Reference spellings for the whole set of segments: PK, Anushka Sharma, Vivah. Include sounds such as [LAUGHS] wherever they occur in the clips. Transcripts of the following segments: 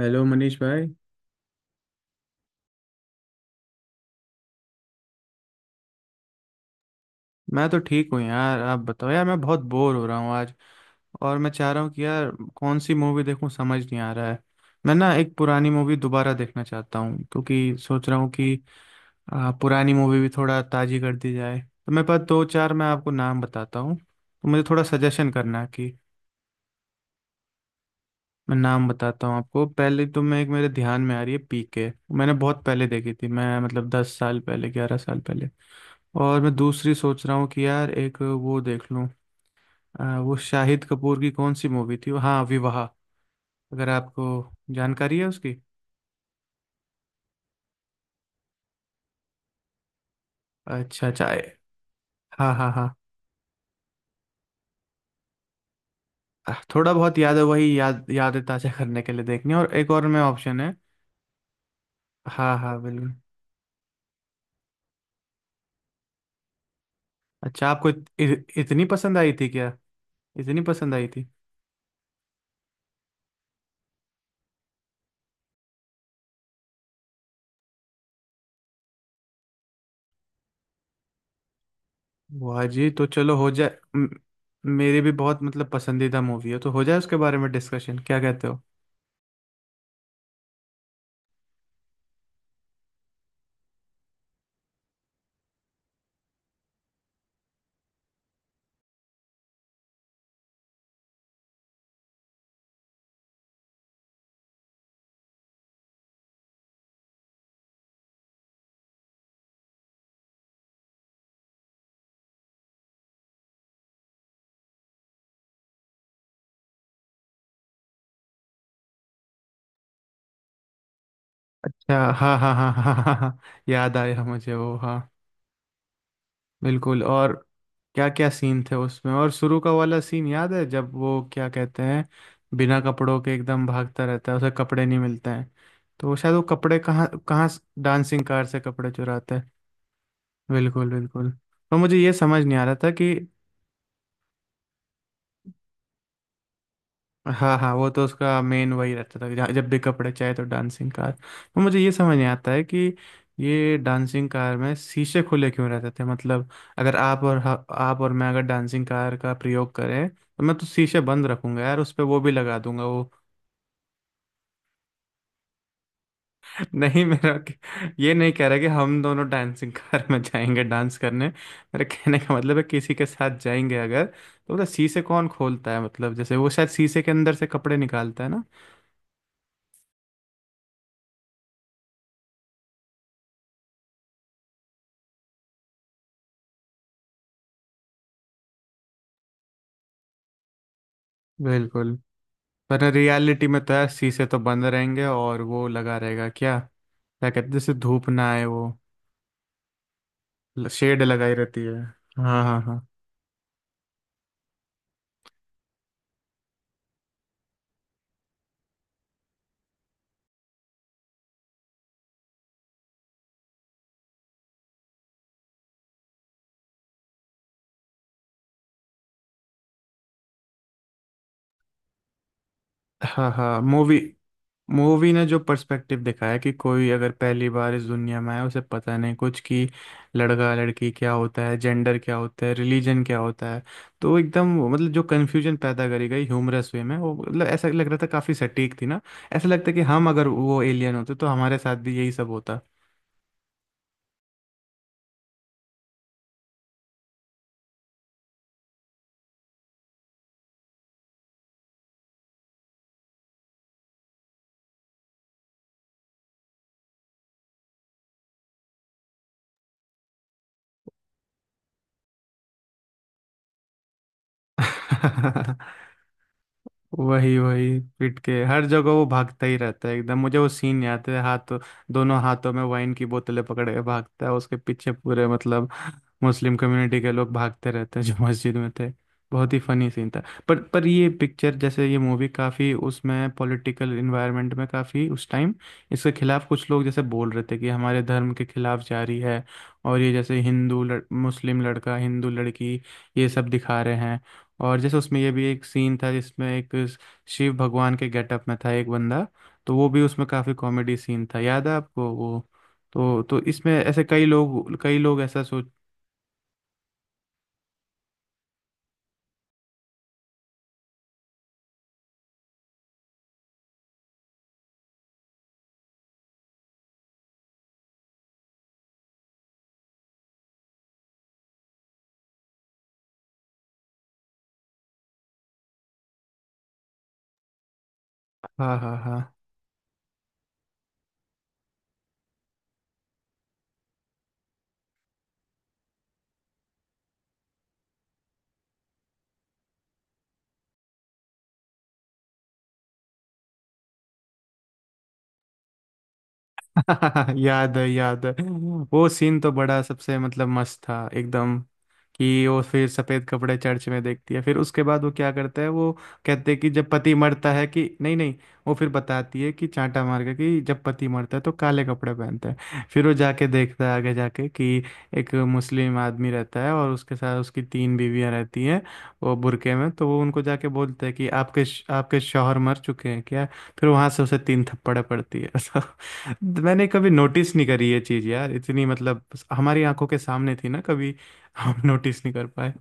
Hello Manish भाई। मैं तो ठीक हूँ यार, आप बताओ। यार, मैं बहुत बोर हो रहा हूँ आज, और मैं चाह रहा हूँ कि यार कौन सी मूवी देखूँ, समझ नहीं आ रहा है। मैं ना एक पुरानी मूवी दोबारा देखना चाहता हूँ, क्योंकि सोच रहा हूँ कि पुरानी मूवी भी थोड़ा ताजी कर दी जाए। तो मेरे पास दो चार, मैं आपको नाम बताता हूँ, तो मुझे थोड़ा सजेशन करना है कि मैं नाम बताता हूँ आपको। पहले तो मैं एक, मेरे ध्यान में आ रही है, पीके। मैंने बहुत पहले देखी थी, मैं मतलब 10 साल पहले, 11 साल पहले। और मैं दूसरी सोच रहा हूँ कि यार एक वो देख लूँ, वो शाहिद कपूर की कौन सी मूवी थी वो? हाँ, विवाह। अगर आपको जानकारी है उसकी। अच्छा अच्छा हाँ हाँ हाँ। थोड़ा बहुत याद है, वही यादें ताज़ा करने के लिए देखनी है। और एक और में ऑप्शन है। हाँ हाँ, बिल्कुल। अच्छा, आपको इतनी पसंद आई थी क्या? इतनी पसंद आई थी? वाह जी, तो चलो हो जाए मेरी भी बहुत मतलब पसंदीदा मूवी है, तो हो जाए उसके बारे में डिस्कशन, क्या कहते हो? अच्छा, हाँ हाँ हाँ हाँ हाँ हाँ हाँ, याद आया मुझे वो। हाँ, बिल्कुल। और क्या क्या सीन थे उसमें, और शुरू का वाला सीन याद है जब वो क्या कहते हैं, बिना कपड़ों के एकदम भागता रहता है, उसे कपड़े नहीं मिलते हैं, तो वो शायद वो कपड़े कहाँ कहाँ, डांसिंग कार से कपड़े चुराता है। बिल्कुल बिल्कुल। तो मुझे ये समझ नहीं आ रहा था कि, हाँ हाँ, वो तो उसका मेन वही रहता था कि जब भी कपड़े चाहिए तो डांसिंग कार। तो मुझे ये समझ नहीं आता है कि ये डांसिंग कार में शीशे खुले क्यों रहते थे मतलब, अगर आप और मैं अगर डांसिंग कार का प्रयोग करें तो मैं तो शीशे बंद रखूंगा यार, उस पे वो भी लगा दूंगा वो। [LAUGHS] नहीं, मेरा ये नहीं कह रहा कि हम दोनों डांसिंग कार में जाएंगे डांस करने, मेरे कहने का मतलब है किसी के साथ जाएंगे अगर, तो मतलब शीशे कौन खोलता है, मतलब जैसे वो शायद शीशे के अंदर से कपड़े निकालता है ना। बिल्कुल। पर रियलिटी में तो यार शीशे तो बंद रहेंगे, और वो लगा रहेगा क्या क्या कहते हैं जैसे धूप ना आए, वो शेड लगाई रहती है। हाँ हाँ हाँ हाँ हाँ। मूवी मूवी ने जो पर्सपेक्टिव दिखाया कि कोई अगर पहली बार इस दुनिया में आया, उसे पता नहीं कुछ कि लड़का लड़की क्या होता है, जेंडर क्या होता है, रिलीजन क्या होता है, तो एकदम मतलब जो कन्फ्यूजन पैदा करी गई ह्यूमरस वे में, वो मतलब ऐसा लग रहा था काफ़ी सटीक थी ना। ऐसा लगता है कि हम अगर वो एलियन होते तो हमारे साथ भी यही सब होता। [LAUGHS] वही वही पीट के हर जगह वो भागता ही रहता है, एकदम मुझे वो सीन याद है, हाथ दोनों हाथों में वाइन की बोतलें पकड़ के भागता है, उसके पीछे पूरे मतलब मुस्लिम कम्युनिटी के लोग भागते रहते हैं जो [LAUGHS] मस्जिद में थे। बहुत ही फनी सीन था। पर ये पिक्चर जैसे ये मूवी काफ़ी उसमें पॉलिटिकल इन्वायरमेंट में काफ़ी उस टाइम इसके खिलाफ कुछ लोग जैसे बोल रहे थे कि हमारे धर्म के खिलाफ जारी है, और ये जैसे मुस्लिम लड़का हिंदू लड़की ये सब दिखा रहे हैं। और जैसे उसमें ये भी एक सीन था जिसमें एक शिव भगवान के गेटअप में था एक बंदा, तो वो भी उसमें काफी कॉमेडी सीन था, याद है आपको वो? तो इसमें ऐसे कई लोग ऐसा सोच, हाँ हाँ हाँ। [LAUGHS] याद है याद है, वो सीन तो बड़ा सबसे मतलब मस्त था एकदम। कि वो फिर सफेद कपड़े चर्च में देखती है, फिर उसके बाद वो क्या करता है वो, कहते हैं कि जब पति मरता है कि नहीं नहीं, वो फिर बताती है कि चांटा मार के कि जब पति मरता है तो काले कपड़े पहनता है। फिर वो जाके देखता है आगे जाके कि एक मुस्लिम आदमी रहता है और उसके साथ उसकी तीन बीवियां रहती हैं वो बुरके में, तो वो उनको जाके बोलते हैं कि आपके आपके शौहर मर चुके हैं क्या? फिर वहां से उसे तीन थप्पड़े पड़ती है। [LAUGHS] मैंने कभी नोटिस नहीं करी ये चीज यार, इतनी मतलब हमारी आंखों के सामने थी ना, कभी [LAUGHS] हम नोटिस नहीं कर पाए।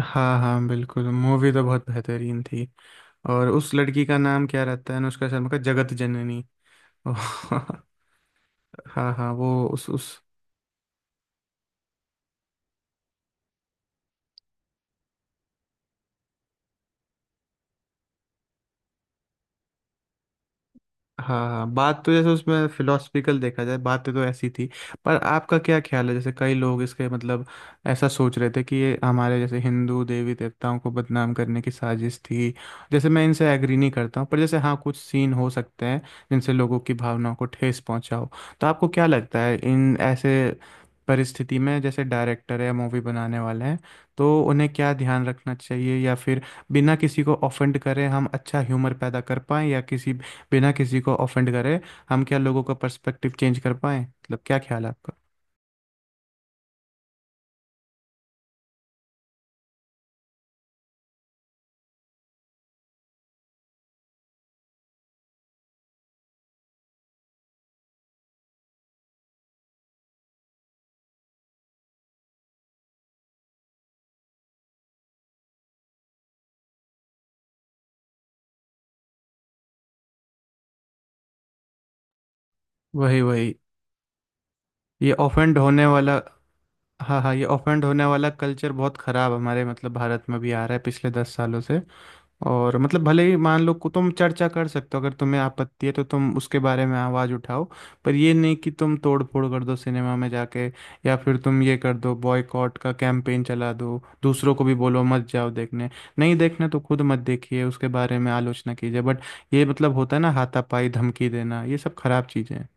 हाँ हाँ, बिल्कुल मूवी तो बहुत बेहतरीन थी। और उस लड़की का नाम क्या रहता है अनुष्का शर्मा का, जगत जननी। ओह, [LAUGHS] हाँ हाँ वो उस, हाँ हाँ। बात तो जैसे उसमें फिलोसफिकल देखा जाए बातें तो ऐसी थी, पर आपका क्या ख्याल है, जैसे कई लोग इसके मतलब ऐसा सोच रहे थे कि ये हमारे जैसे हिंदू देवी देवताओं को बदनाम करने की साजिश थी। जैसे मैं इनसे एग्री नहीं करता हूँ, पर जैसे हाँ कुछ सीन हो सकते हैं जिनसे लोगों की भावनाओं को ठेस पहुंचा हो। तो आपको क्या लगता है इन ऐसे परिस्थिति में जैसे डायरेक्टर है या मूवी बनाने वाले हैं तो उन्हें क्या ध्यान रखना चाहिए, या फिर बिना किसी को ऑफेंड करे हम अच्छा ह्यूमर पैदा कर पाएं, या किसी बिना किसी को ऑफेंड करे हम क्या लोगों का पर्सपेक्टिव चेंज कर पाए, मतलब क्या ख्याल है आपका? वही वही ये ऑफेंड होने वाला, हाँ हाँ, ये ऑफेंड होने वाला कल्चर बहुत खराब हमारे मतलब भारत में भी आ रहा है पिछले 10 सालों से। और मतलब भले ही मान लो को तुम चर्चा कर सकते हो, अगर तुम्हें आपत्ति है तो तुम उसके बारे में आवाज़ उठाओ, पर ये नहीं कि तुम तोड़ फोड़ कर दो सिनेमा में जाके, या फिर तुम ये कर दो बॉयकॉट का कैंपेन चला दो, दूसरों को भी बोलो मत जाओ देखने। नहीं देखना तो खुद मत देखिए, उसके बारे में आलोचना कीजिए, बट ये मतलब होता है ना हाथापाई धमकी देना, ये सब खराब चीज़ें हैं।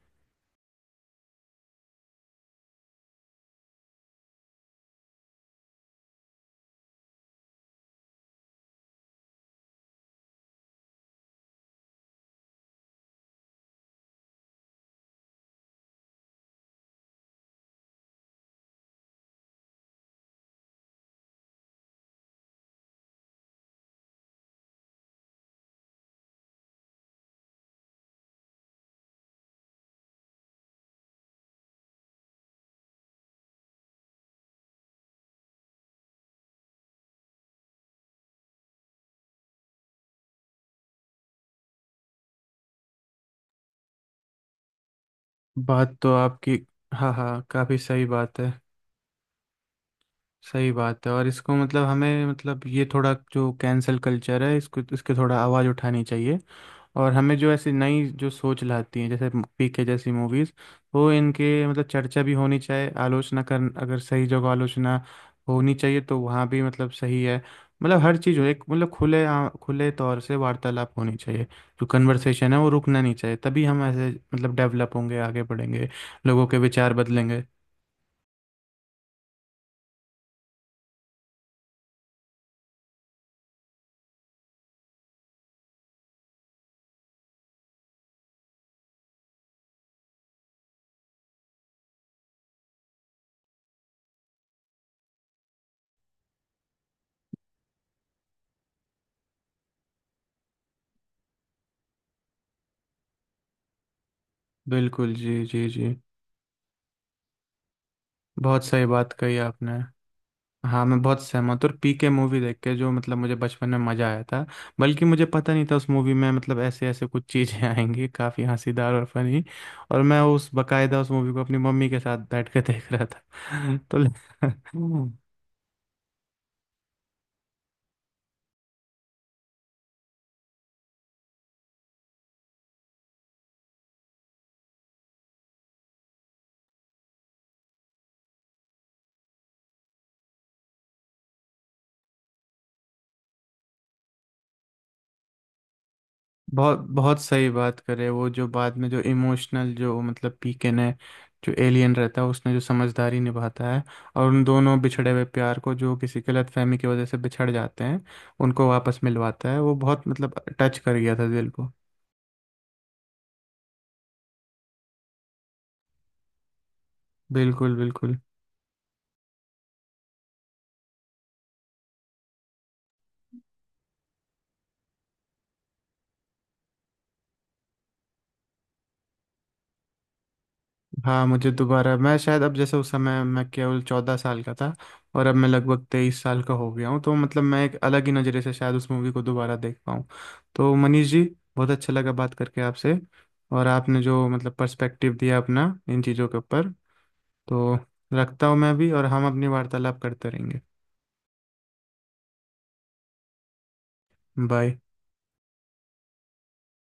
बात तो आपकी, हाँ हाँ काफ़ी सही बात है। सही बात है, और इसको मतलब हमें मतलब ये थोड़ा जो कैंसल कल्चर है इसको इसके थोड़ा आवाज़ उठानी चाहिए। और हमें जो ऐसी नई जो सोच लाती हैं जैसे पीके जैसी मूवीज, वो इनके मतलब चर्चा भी होनी चाहिए, आलोचना कर अगर सही जगह आलोचना होनी चाहिए तो वहाँ भी मतलब सही है। मतलब हर चीज़ हो एक मतलब खुले तौर से वार्तालाप होनी चाहिए, जो कन्वर्सेशन है वो रुकना नहीं चाहिए, तभी हम ऐसे मतलब डेवलप होंगे, आगे बढ़ेंगे, लोगों के विचार बदलेंगे। बिल्कुल जी जी जी, बहुत सही बात कही आपने। हाँ मैं बहुत सहमत हूँ। और पीके मूवी देख के जो मतलब मुझे बचपन में मज़ा आया था, बल्कि मुझे पता नहीं था उस मूवी में मतलब ऐसे ऐसे कुछ चीज़ें [LAUGHS] आएंगी काफ़ी हंसीदार और फनी, और मैं उस बकायदा उस मूवी को अपनी मम्मी के साथ बैठ के देख रहा था। [LAUGHS] तो बहुत बहुत सही बात करे वो, जो बाद में जो इमोशनल जो मतलब पीकन है, जो एलियन रहता है उसने जो समझदारी निभाता है, और उन दोनों बिछड़े हुए प्यार को जो किसी गलतफहमी की वजह से बिछड़ जाते हैं उनको वापस मिलवाता है, वो बहुत मतलब टच कर गया था दिल को। बिल्कुल बिल्कुल। हाँ मुझे दोबारा, मैं शायद अब जैसे उस समय मैं केवल 14 साल का था और अब मैं लगभग 23 साल का हो गया हूँ, तो मतलब मैं एक अलग ही नज़रिए से शायद उस मूवी को दोबारा देख पाऊँ। तो मनीष जी, बहुत अच्छा लगा बात करके आपसे, और आपने जो मतलब पर्सपेक्टिव दिया अपना इन चीज़ों के ऊपर। तो रखता हूँ मैं भी, और हम अपनी वार्तालाप करते रहेंगे। बाय।